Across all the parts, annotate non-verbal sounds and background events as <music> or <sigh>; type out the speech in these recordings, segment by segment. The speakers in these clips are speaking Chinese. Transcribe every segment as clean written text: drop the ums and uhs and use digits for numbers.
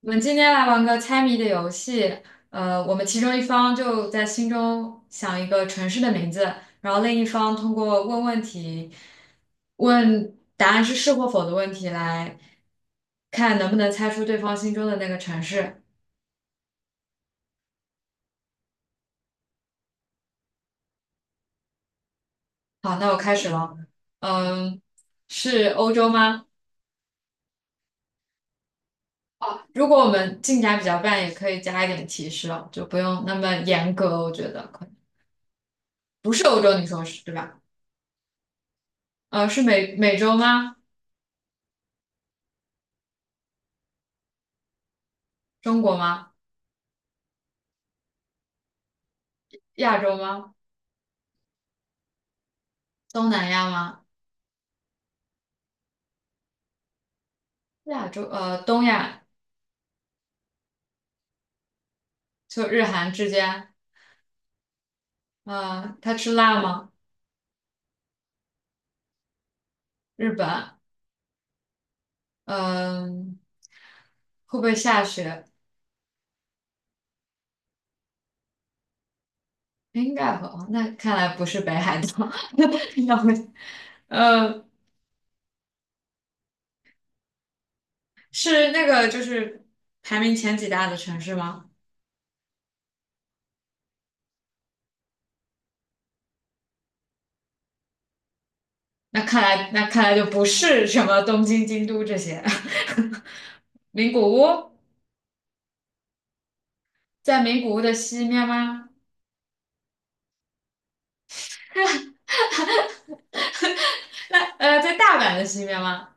我们今天来玩个猜谜的游戏，我们其中一方就在心中想一个城市的名字，然后另一方通过问问题，问答案是是或否的问题来看能不能猜出对方心中的那个城市。好，那我开始了。嗯，是欧洲吗？如果我们进展比较慢，也可以加一点提示哦，就不用那么严格，我觉得可以。不是欧洲，你说是对吧？是美美洲吗？中国吗？亚洲吗？东南亚吗？亚洲，东亚就日韩之间，他吃辣吗？日本，嗯、会不会下雪？应该会，哦那看来不是北海道，<laughs> 那会，呃，是那个就是排名前几大的城市吗？那看来那看来就不是什么东京、京都这些，<laughs> 名古屋在名古屋的西面吗？那在大阪的西面吗？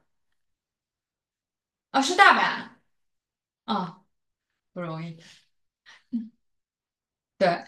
哦，是大阪。啊，不容易。对，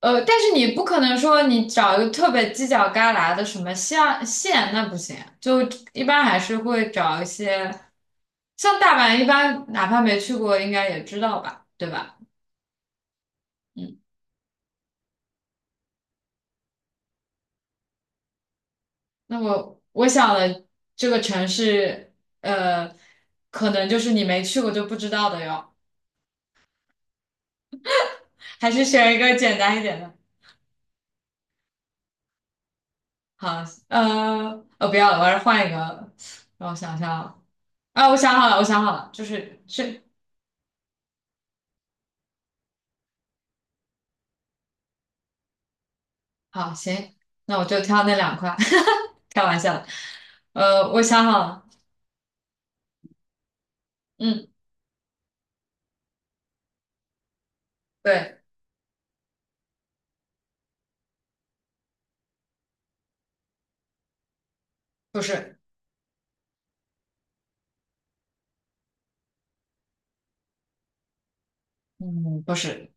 但是你不可能说你找一个特别犄角旮旯的什么像县，那不行。就一般还是会找一些，像大阪，一般哪怕没去过，应该也知道吧，对吧？嗯，那我想的这个城市，呃，可能就是你没去过就不知道的哟。还是选一个简单一点的。好，不要了，我还是换一个。让我想想啊，啊我想好了，我想好了，就是是好，行，那我就挑那两块，<laughs> 开玩笑的。呃，我想好了，嗯，对，不是，嗯，不是，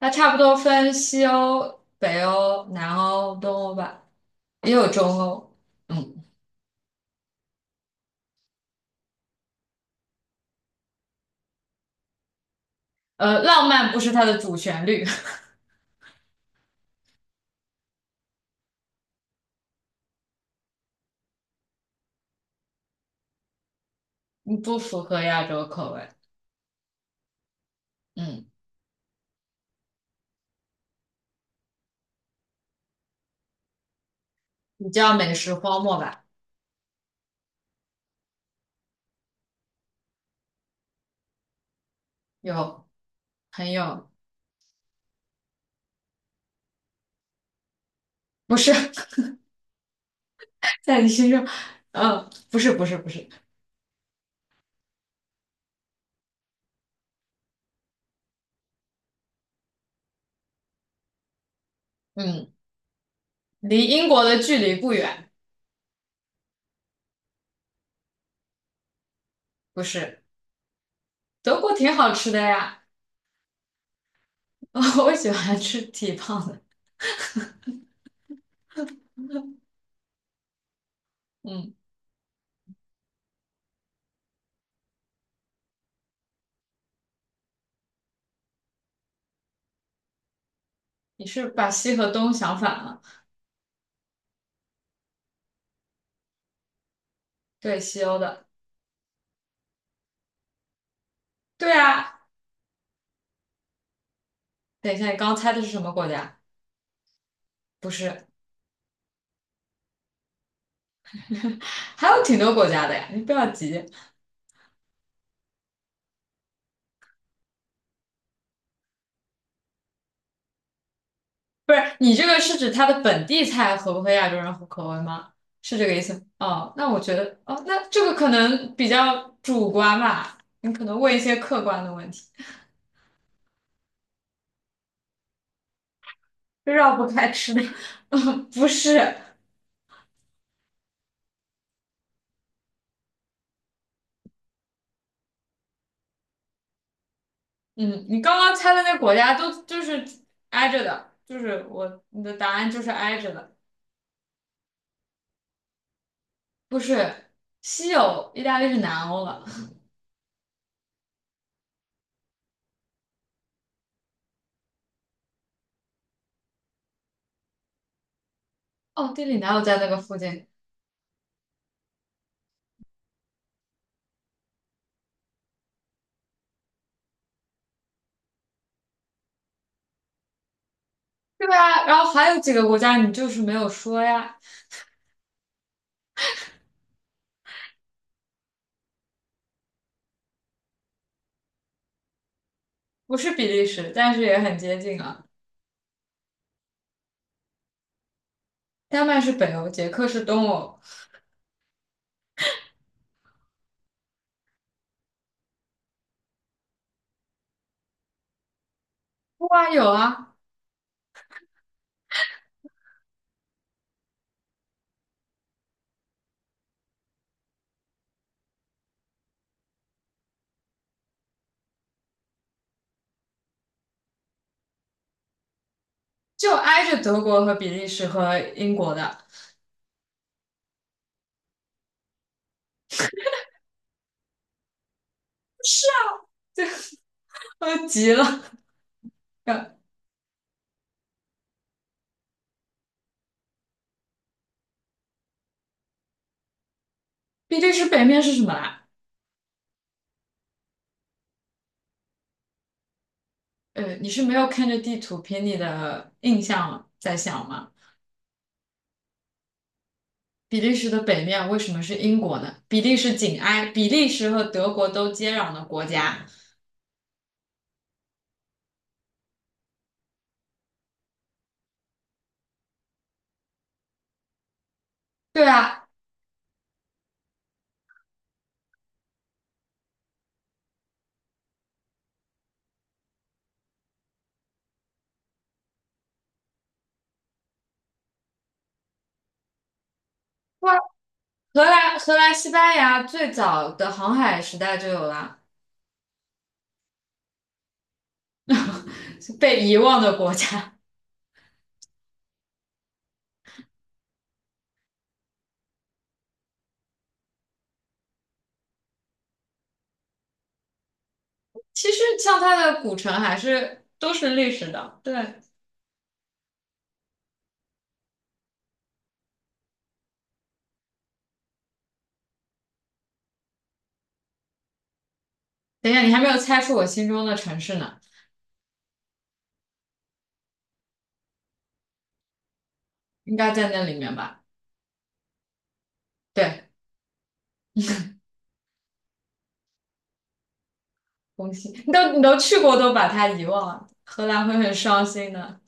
它差不多分西欧、北欧、南欧、东欧吧，也有中欧。嗯，浪漫不是它的主旋律，<laughs> 不符合亚洲口味。嗯，你叫美食荒漠吧？有，很有，不是 <laughs> 在你心中，嗯，不是，不是，不是，嗯，离英国的距离不远，不是。德国挺好吃的呀，<laughs> 我喜欢吃蹄膀的。嗯，你是把西和东想反了？对，西欧的。对啊，等一下，你刚猜的是什么国家？不是，还有挺多国家的呀，你不要急。不是，你这个是指它的本地菜合不合亚洲人口味吗？是这个意思？哦，那我觉得，哦，那这个可能比较主观吧，你可能问一些客观的问题，绕不开吃的。<laughs> 不是，嗯，你刚刚猜的那国家都就是挨着的，就是我你的答案就是挨着的，不是西欧，意大利是南欧了。哦，地理哪有在那个附近？对啊，然后还有几个国家你就是没有说呀，不是比利时，但是也很接近啊。丹麦是北欧，捷克是东欧。哇，有啊，就挨着德国和比利时和英国的，我都急了。呃比利时北面是什么来？呃，你是没有看着地图凭你的印象在想吗？比利时的北面为什么是英国呢？比利时紧挨比利时和德国都接壤的国家。对啊，哇，荷兰、荷兰、西班牙最早的航海时代就有了，被遗忘的国家。其实像它的古城还是都是历史的。对，等一下，你还没有猜出我心中的城市呢，应该在那里面吧？对，恭喜，你都去过，都把它遗忘了，荷兰会很伤心的。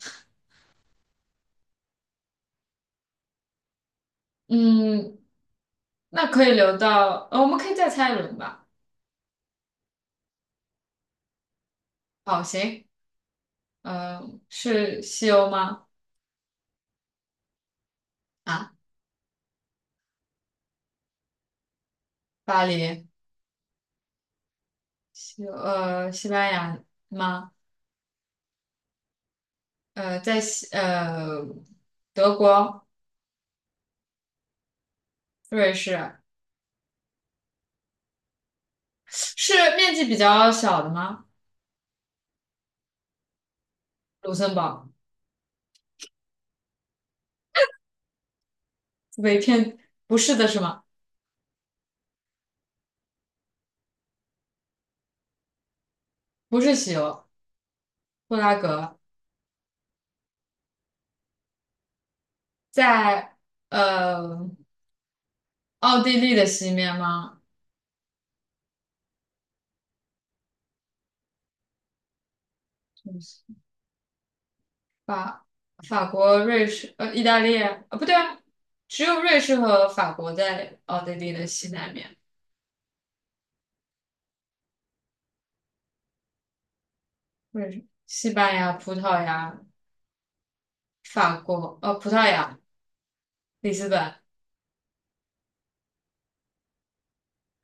嗯，那可以留到，我们可以再猜一轮吧。好，行。呃，是西欧吗？啊，巴黎，西班牙吗？在德国、瑞士是面积比较小的吗？卢森堡被骗不是的是吗？不是西欧，布拉格在呃奥地利的西面吗？法法国、瑞士意大利啊，不对啊，只有瑞士和法国在奥地利的西南面。或者是西班牙、葡萄牙、法国，葡萄牙、里斯本，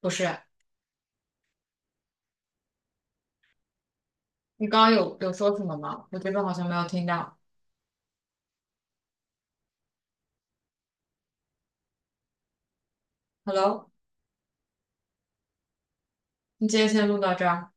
不是，你刚刚有说什么吗？我这边好像没有听到。Hello，你今天先录到这儿。